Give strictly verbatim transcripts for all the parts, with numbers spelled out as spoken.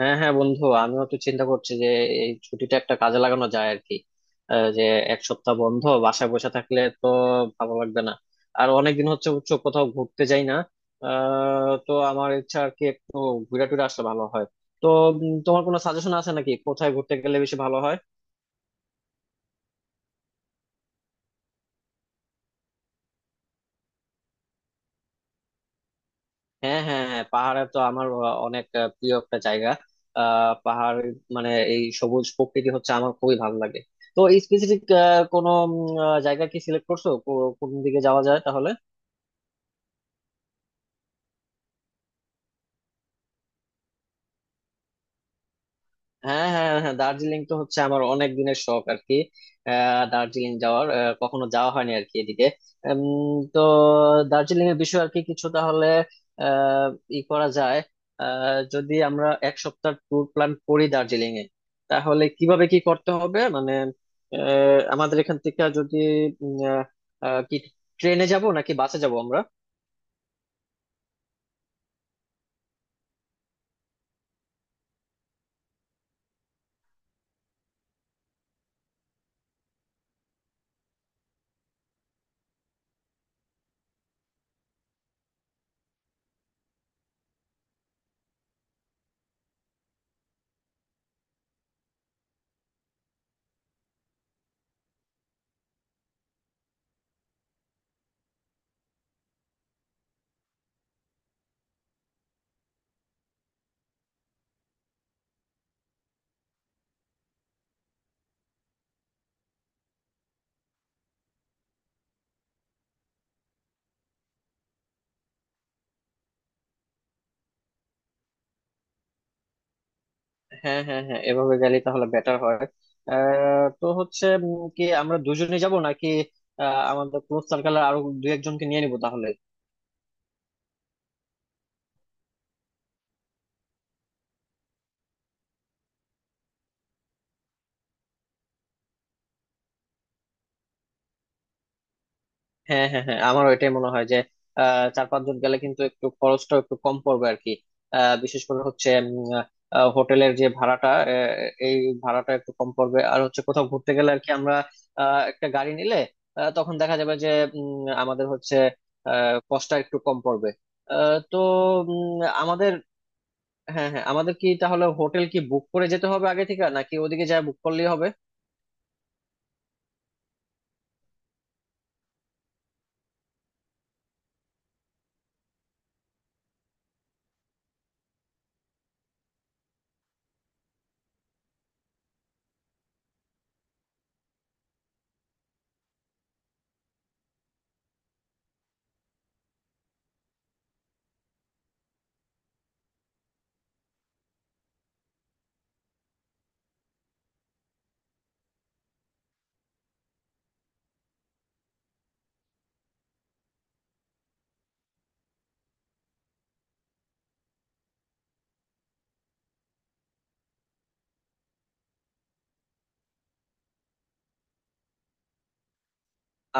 হ্যাঁ হ্যাঁ বন্ধু, আমিও তো চিন্তা করছি যে এই ছুটিটা একটা কাজে লাগানো যায় আর কি। আহ, যে এক সপ্তাহ বন্ধ বাসায় বসে থাকলে তো ভালো লাগবে না। আর অনেকদিন হচ্ছে উচ্চ কোথাও ঘুরতে যাই না। আহ তো আমার ইচ্ছা আর কি একটু ঘুরে টুরে আসলে ভালো হয়। তো উম, তোমার কোনো সাজেশন আছে নাকি কোথায় ঘুরতে গেলে বেশি ভালো হয়? হ্যাঁ হ্যাঁ হ্যাঁ, পাহাড়ে তো আমার আহ, অনেক আহ, প্রিয় একটা জায়গা। আহ পাহাড় মানে এই সবুজ প্রকৃতি হচ্ছে আমার খুবই ভালো লাগে। তো স্পেসিফিক কোনো উম, আহ, জায়গা কি সিলেক্ট করছো, কো- কোন দিকে যাওয়া যায় তাহলে? হ্যাঁ হ্যাঁ হ্যাঁ, দার্জিলিং তো হচ্ছে আমার অনেক দিনের শখ আর কি। আহ, দার্জিলিং যাওয়ার আহ, কখনো যাওয়া হয়নি আর কি এদিকে। উম, তো দার্জিলিং এর বিষয়ে আর কি কিছু তাহলে আহ, ই করা যায়। আহ, যদি আমরা এক সপ্তাহ ট্যুর প্ল্যান করি দার্জিলিং এ, তাহলে কিভাবে কি করতে হবে মানে আহ, আমাদের এখান থেকে যদি উম, আহ, আহ, কি ট্রেনে যাব নাকি বাসে যাব আমরা? হ্যাঁ হ্যাঁ হ্যাঁ, এভাবে গেলে তাহলে বেটার হয়। আহ, তো হচ্ছে উম, কি আমরা দুজনে যাব নাকি আহ, আমাদের ক্লোজ সার্কেলে আরো দু একজনকে নিয়ে নিবো তাহলে? হ্যাঁ হ্যাঁ হ্যাঁ, আমারও এটাই মনে হয় যে আহ, চার পাঁচজন গেলে কিন্তু একটু খরচটা একটু কম পড়বে আর কি। আহ, বিশেষ করে হচ্ছে উম, আহ, হোটেলের যে ভাড়াটা আহ, এই ভাড়াটা একটু কম পড়বে। আর হচ্ছে কোথাও ঘুরতে গেলে আর কি আমরা আহ, একটা গাড়ি নিলে আহ, তখন দেখা যাবে যে উম, আমাদের হচ্ছে আহ, কষ্টটা একটু কম পড়বে। আহ, তো উম, আমাদের হ্যাঁ হ্যাঁ, আমাদের কি তাহলে হোটেল কি বুক করে যেতে হবে আগে থেকে নাকি ওদিকে যা বুক করলেই হবে?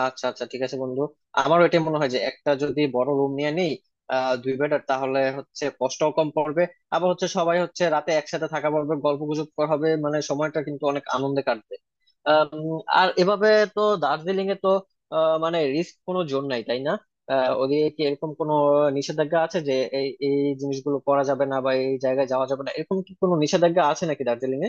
আচ্ছা আচ্ছা ঠিক আছে বন্ধু, আমারও এটা মনে হয় যে একটা যদি বড় রুম নিয়ে নেই আহ দুই বেডার, তাহলে হচ্ছে কষ্টও কম পড়বে। আবার হচ্ছে সবাই হচ্ছে রাতে একসাথে থাকা পড়বে, গল্প গুজব করা হবে, মানে সময়টা কিন্তু অনেক আনন্দে কাটবে। আম, আর এভাবে তো দার্জিলিং এ তো আহ, মানে রিস্ক কোনো জোন নাই তাই না? আহ, ওদিকে কি এরকম কোনো নিষেধাজ্ঞা আছে যে এই এই জিনিসগুলো করা যাবে না বা এই জায়গায় যাওয়া যাবে না, এরকম কি কোনো নিষেধাজ্ঞা আছে নাকি দার্জিলিং এ?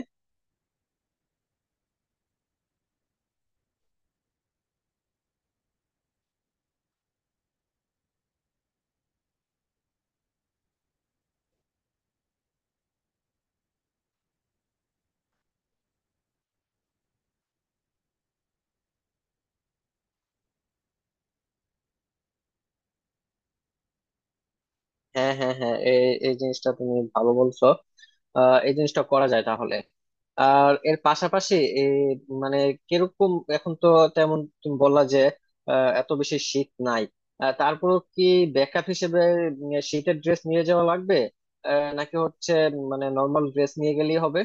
হ্যাঁ হ্যাঁ হ্যাঁ, এই এই জিনিসটা তুমি ভালো বলছো। আহ, এই জিনিসটা করা যায় তাহলে। আর এর পাশাপাশি এই মানে কিরকম এখন তো তেমন তুমি বললা যে আহ, এত বেশি শীত নাই, আহ, তারপরেও কি ব্যাকআপ হিসেবে উম, শীতের ড্রেস নিয়ে যাওয়া লাগবে আহ, নাকি হচ্ছে উম, মানে নর্মাল ড্রেস নিয়ে গেলেই হবে?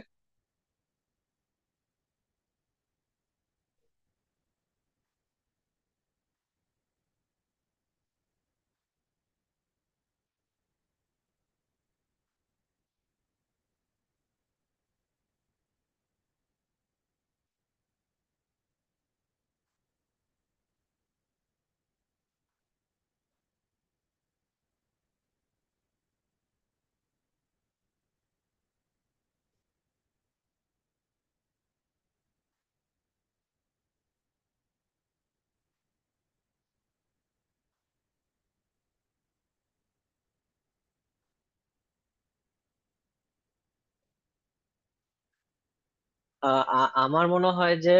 আহ আ- আমার মনে হয় যে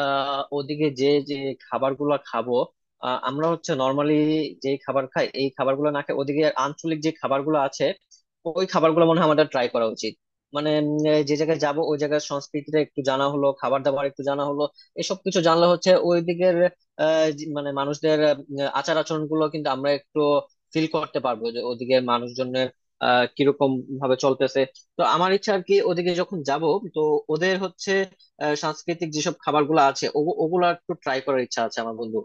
আহ ওদিকে যে যে খাবারগুলো খাবো আহ, আমরা হচ্ছে নর্মালি যে খাবার খাই এই খাবারগুলো না খাই, ওদিকে আঞ্চলিক যে খাবারগুলো আছে ওই খাবারগুলো মনে হয় আমাদের ট্রাই করা উচিত। মানে উম, এ, যে জায়গায় যাব ওই জায়গার সংস্কৃতিটা একটু জানা হলো, খাবার দাবার একটু জানা হলো, এসব কিছু জানলে হচ্ছে ওই দিকের আহ, যে- মানে মানুষদের আহ, আচার আচরণ গুলো কিন্তু আমরা একটু ফিল করতে পারবো যে ওদিকে মানুষজনের আহ কিরকম ভাবে চলতেছে। তো আমার ইচ্ছা আর কি ওদিকে যখন যাব, তো ওদের হচ্ছে আহ, সাংস্কৃতিক যেসব খাবার গুলো আছে ওগু- ওগুলো একটু ট্রাই করার ইচ্ছা আছে আমার বন্ধু।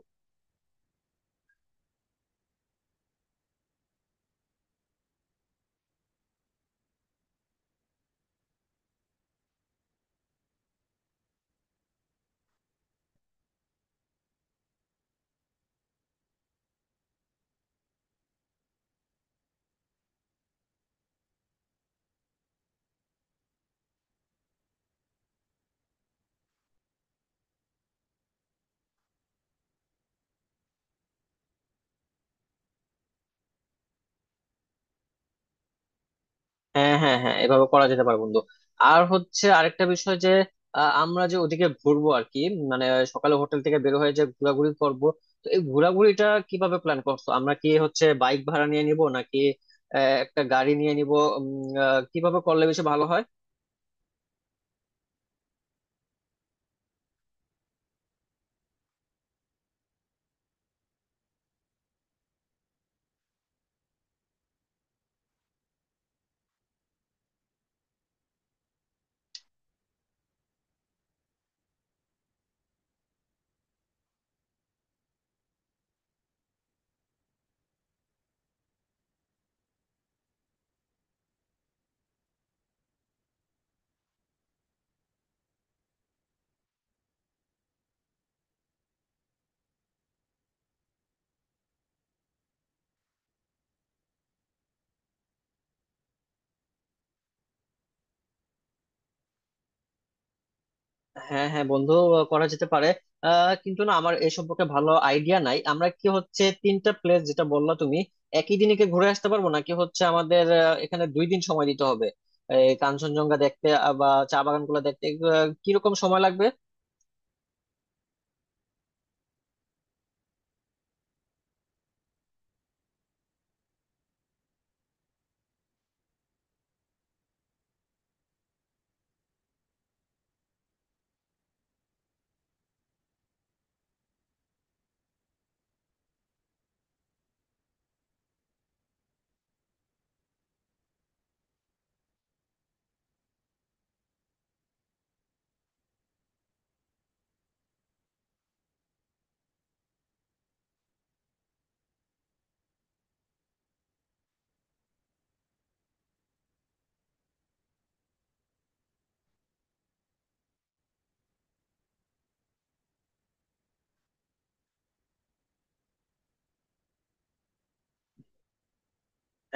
হ্যাঁ হ্যাঁ হ্যাঁ, এভাবে করা যেতে পারে বন্ধু। আর হচ্ছে আরেকটা বিষয় যে আহ, আমরা যে ওদিকে ঘুরবো আর কি মানে সকালে হোটেল থেকে বের হয়ে যে ঘোরাঘুরি করব, তো এই ঘোরাঘুরিটা কিভাবে প্ল্যান করছো? আমরা কি হচ্ছে বাইক ভাড়া নিয়ে নিব নাকি আহ, একটা গাড়ি নিয়ে নিব? উম, আহ, কিভাবে করলে বেশি ভালো হয়? হ্যাঁ হ্যাঁ বন্ধু, করা যেতে পারে। আহ কিন্তু না আমার এ সম্পর্কে ভালো আইডিয়া নাই, আমরা কি হচ্ছে তিনটা প্লেস যেটা বললা তুমি একই দিনে কি ঘুরে আসতে পারবো নাকি হচ্ছে আমাদের আহ, এখানে দুই দিন সময় দিতে হবে এই কাঞ্চনজঙ্ঘা দেখতে আহ, বা চা বাগানগুলো দেখতে? এগুলো কিরকম সময় লাগবে?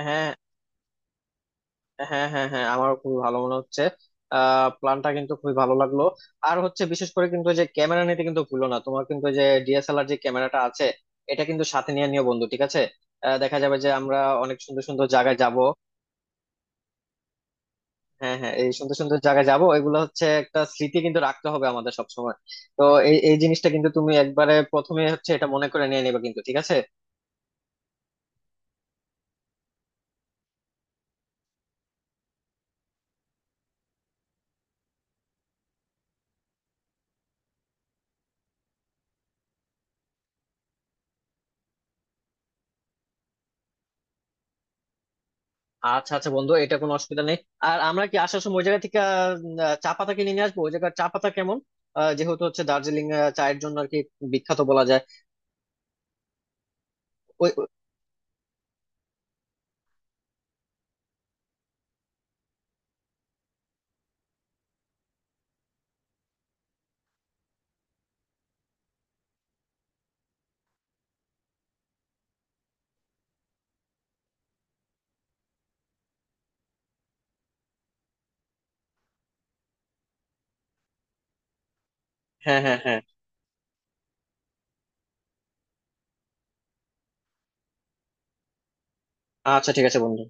হ্যাঁ হ্যাঁ হ্যাঁ হ্যাঁ, আমারও খুবই ভালো মনে হচ্ছে। আহ প্ল্যানটা কিন্তু খুবই ভালো লাগলো। আর হচ্ছে বিশেষ করে কিন্তু যে ক্যামেরা নিতে কিন্তু ভুলো না, তোমার কিন্তু যে ডিএসএলআর যে ক্যামেরাটা আছে এটা কিন্তু সাথে নিয়ে নিও বন্ধু, ঠিক আছে? আহ, দেখা যাবে যে আমরা অনেক সুন্দর সুন্দর জায়গায় যাব। হ্যাঁ হ্যাঁ, এই সুন্দর সুন্দর জায়গায় যাব, এগুলো হচ্ছে একটা স্মৃতি কিন্তু রাখতে হবে আমাদের সবসময়। তো এই এই জিনিসটা কিন্তু তুমি একবারে প্রথমে হচ্ছে এটা মনে করে নিয়ে নেবে কিন্তু, ঠিক আছে? আচ্ছা আচ্ছা বন্ধু, এটা কোনো অসুবিধা নেই। আর আমরা কি আসার সময় ওই জায়গা থেকে আহ, চা পাতা কিনে নিয়ে আসবো? ওই জায়গার চা পাতা কেমন, আহ, যেহেতু হচ্ছে দার্জিলিং আহ, চায়ের জন্য আর কি বিখ্যাত বলা যায়। ওই ওই- হ্যাঁ হ্যাঁ হ্যাঁ, আচ্ছা ঠিক আছে বন্ধু।